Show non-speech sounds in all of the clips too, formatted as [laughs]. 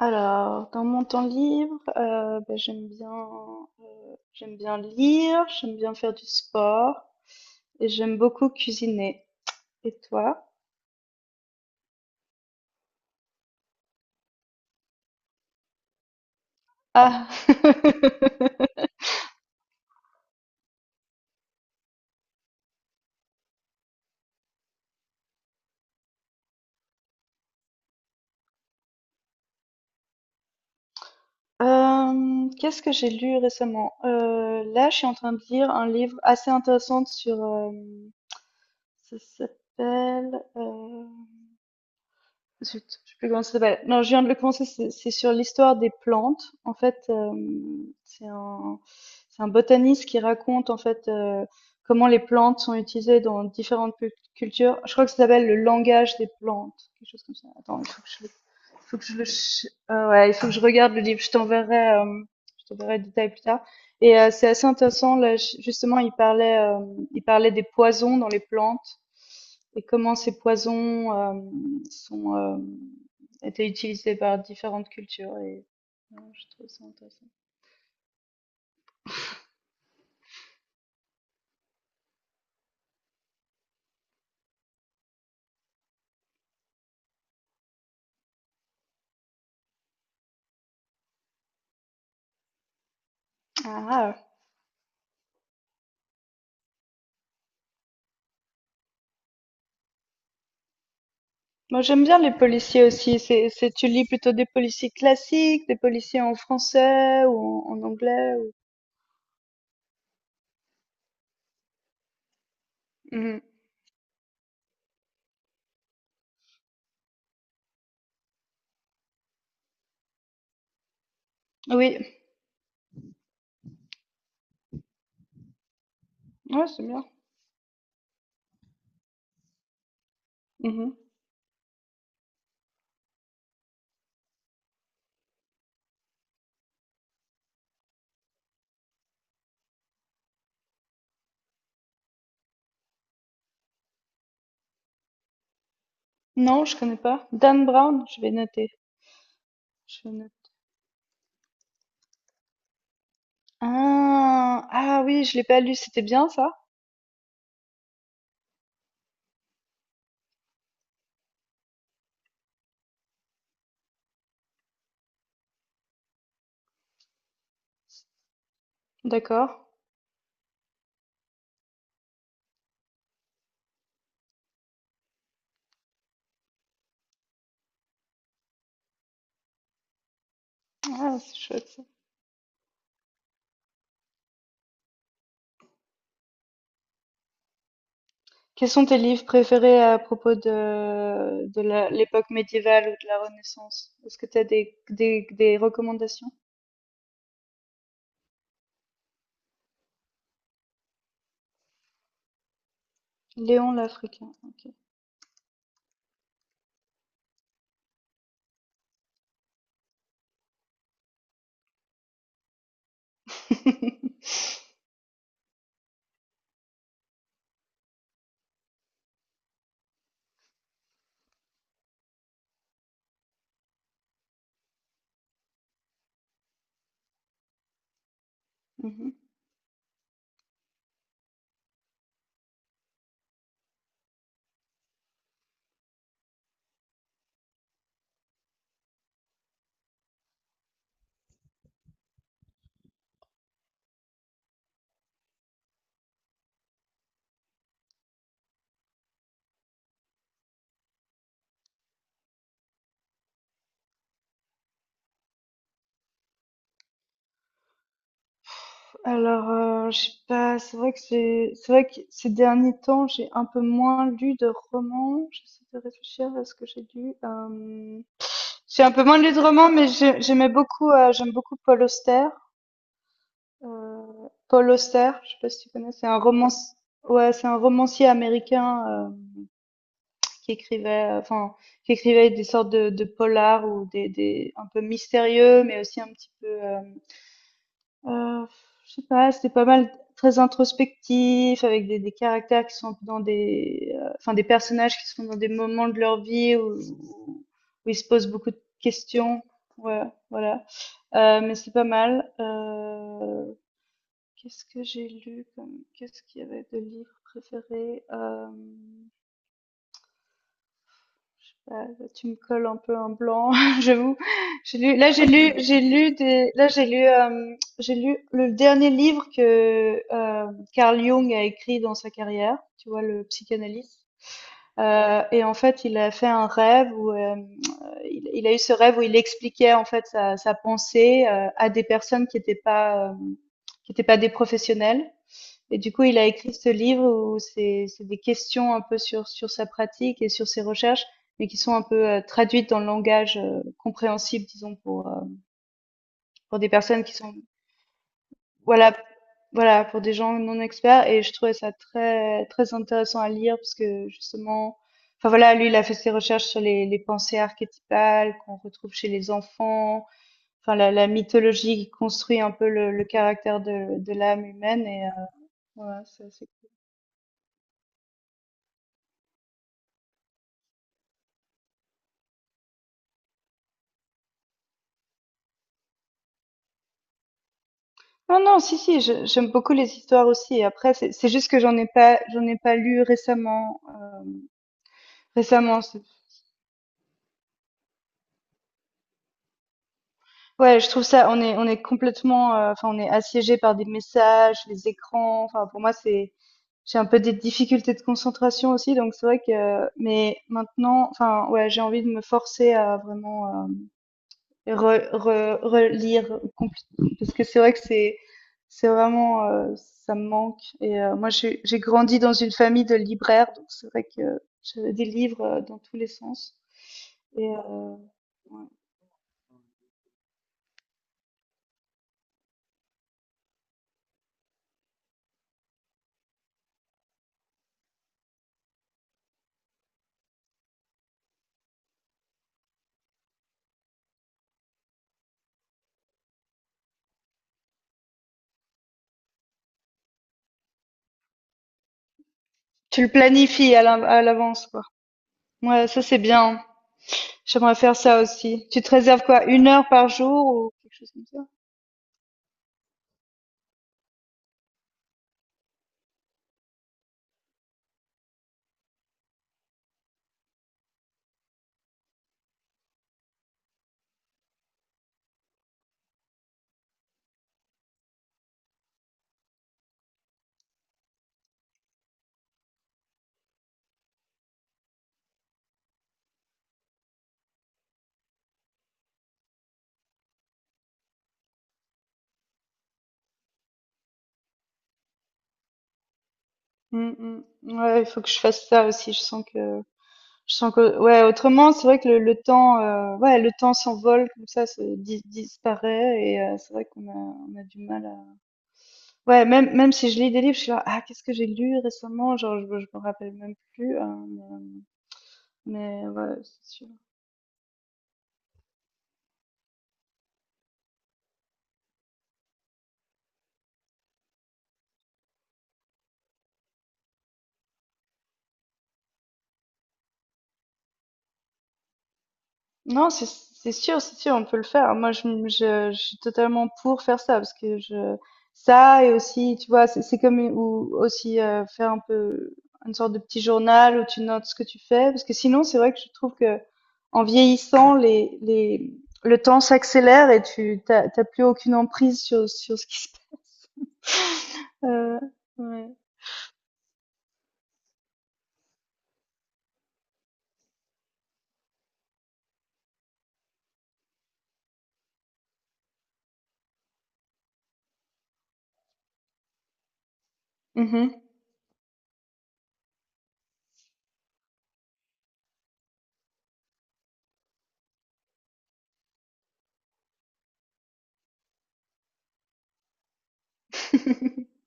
Alors, dans mon temps libre, bah, j'aime bien lire, j'aime bien faire du sport et j'aime beaucoup cuisiner. Et toi? Ah. [laughs] Qu'est-ce que j'ai lu récemment? Là, je suis en train de lire un livre assez intéressant sur. Ça s'appelle, zut, je sais plus comment ça s'appelle. Non, je viens de le commencer, c'est sur l'histoire des plantes. En fait, c'est un, c'est un botaniste qui raconte en fait, comment les plantes sont utilisées dans différentes cultures. Je crois que ça s'appelle le langage des plantes, quelque chose comme ça. Attends, il faut que je le, il faut que je le, ch- ouais, il faut que je regarde le livre. Je t'enverrai le détail plus tard. Et c'est assez intéressant. Là, justement, il parlait des poisons dans les plantes. Et comment ces poisons sont étaient utilisés par différentes cultures et ouais, je trouve ça intéressant. Ah, moi j'aime bien les policiers aussi. Tu lis plutôt des policiers classiques, des policiers en français ou en anglais ou... Mhm. Oui, ouais, c'est bien. Mhm. Non, je connais pas. Dan Brown, je vais noter. Je vais noter. Ah, ah oui, je l'ai pas lu. C'était bien ça? D'accord. Ah, c'est chouette. Quels sont tes livres préférés à propos de l'époque médiévale ou de la Renaissance? Est-ce que tu as des recommandations? Léon l'Africain. Ok. [laughs] Mhm. Alors, je sais pas, c'est vrai que c'est vrai que ces derniers temps, j'ai un peu moins lu de romans. J'essaie de réfléchir à ce que j'ai lu. J'ai un peu moins lu de romans, mais j'aime beaucoup Paul Auster. Paul Auster, je sais pas si tu connais, c'est un romance ouais, c'est un romancier américain, qui écrivait, heu, enfin, qui écrivait des sortes de polars ou des un peu mystérieux, mais aussi un petit peu, heu, je sais pas, c'était pas mal très introspectif avec des caractères qui sont un peu dans des personnages qui sont dans des moments de leur vie où ils se posent beaucoup de questions. Ouais, voilà, mais c'est pas mal. Qu'est-ce que j'ai lu comme qu'est-ce qu'il y avait de livres préférés? Je sais pas, là, tu me colles un peu un blanc, [laughs] j'avoue. J'ai lu, là j'ai lu des, là j'ai lu, hem, J'ai lu le dernier livre que Carl Jung a écrit dans sa carrière. Tu vois, le psychanalyste. Et en fait, il a fait un rêve où il a eu ce rêve où il expliquait en fait sa pensée, à des personnes qui n'étaient pas qui n'étaient pas des professionnels. Et du coup, il a écrit ce livre où c'est des questions un peu sur sa pratique et sur ses recherches, mais qui sont un peu traduites dans le langage compréhensible, disons pour pour des personnes qui sont voilà, voilà, pour des gens non experts. Et je trouvais ça très très intéressant à lire parce que justement, enfin voilà, lui il a fait ses recherches sur les pensées archétypales qu'on retrouve chez les enfants, enfin la mythologie qui construit un peu le caractère de l'âme humaine et voilà, c'est Non, non, si, si, j'aime beaucoup les histoires aussi. Après, c'est juste que j'en ai pas lu récemment, récemment, ouais, je trouve ça, on est complètement, enfin, on est assiégé par des messages, les écrans. Enfin, pour moi, c'est, j'ai un peu des difficultés de concentration aussi, donc c'est vrai que, mais maintenant, enfin, ouais, j'ai envie de me forcer à vraiment, relire parce que c'est vrai que c'est vraiment, ça me manque et moi j'ai grandi dans une famille de libraires donc c'est vrai que j'avais des livres dans tous les sens et ouais. Tu le planifies à l'avance quoi. Ouais, ça c'est bien. J'aimerais faire ça aussi. Tu te réserves quoi, une heure par jour ou quelque chose comme ça? Mm, mm. Ouais, il faut que je fasse ça aussi. Je sens que ouais, autrement, c'est vrai que le temps, ouais, le temps s'envole comme ça, se dis disparaît et c'est vrai qu'on a du mal à ouais, même si je lis des livres, je suis là: «Ah, qu'est-ce que j'ai lu récemment?» Genre je me rappelle même plus, mais mais ouais, c'est sûr Non, c'est sûr, c'est sûr, on peut le faire. Moi, je suis totalement pour faire ça parce que je ça et aussi, tu vois, c'est comme ou aussi faire un peu une sorte de petit journal où tu notes ce que tu fais parce que sinon, c'est vrai que je trouve que en vieillissant, les le temps s'accélère et tu t'as plus aucune emprise sur ce qui se passe. Euh, ouais. Mhm. [laughs]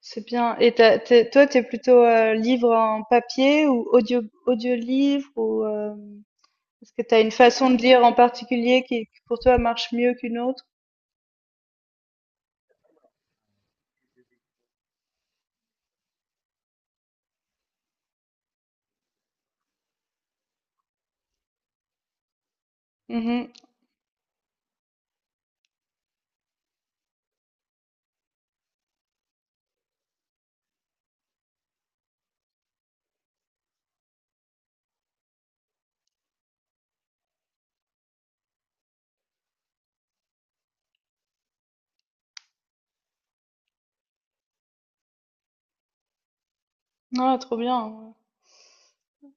C'est bien. Et t'es plutôt livre en papier ou audio livre ou Est-ce que tu as une façon de lire en particulier qui pour toi marche mieux qu'une autre? Mhm. Ah, trop bien.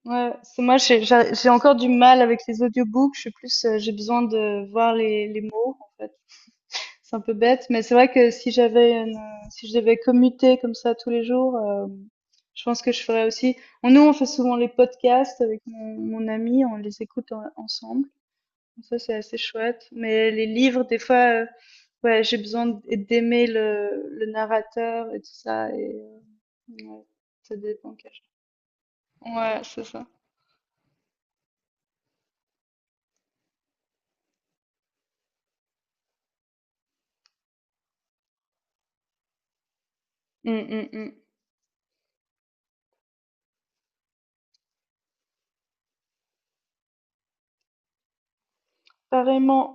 Ouais, c'est moi j'ai encore du mal avec les audiobooks, je suis plus j'ai besoin de voir les mots en fait. C'est un peu bête, mais c'est vrai que si j'avais une si je devais commuter comme ça tous les jours, je pense que je ferais aussi. Nous, on fait souvent les podcasts avec mon ami, on les écoute ensemble. Ça, c'est assez chouette. Mais les livres, des fois, ouais, j'ai besoin d'aimer le narrateur et tout ça. Et ouais, ça dépend. Ouais, c'est ça. Mm, mm, mm. Pareillement.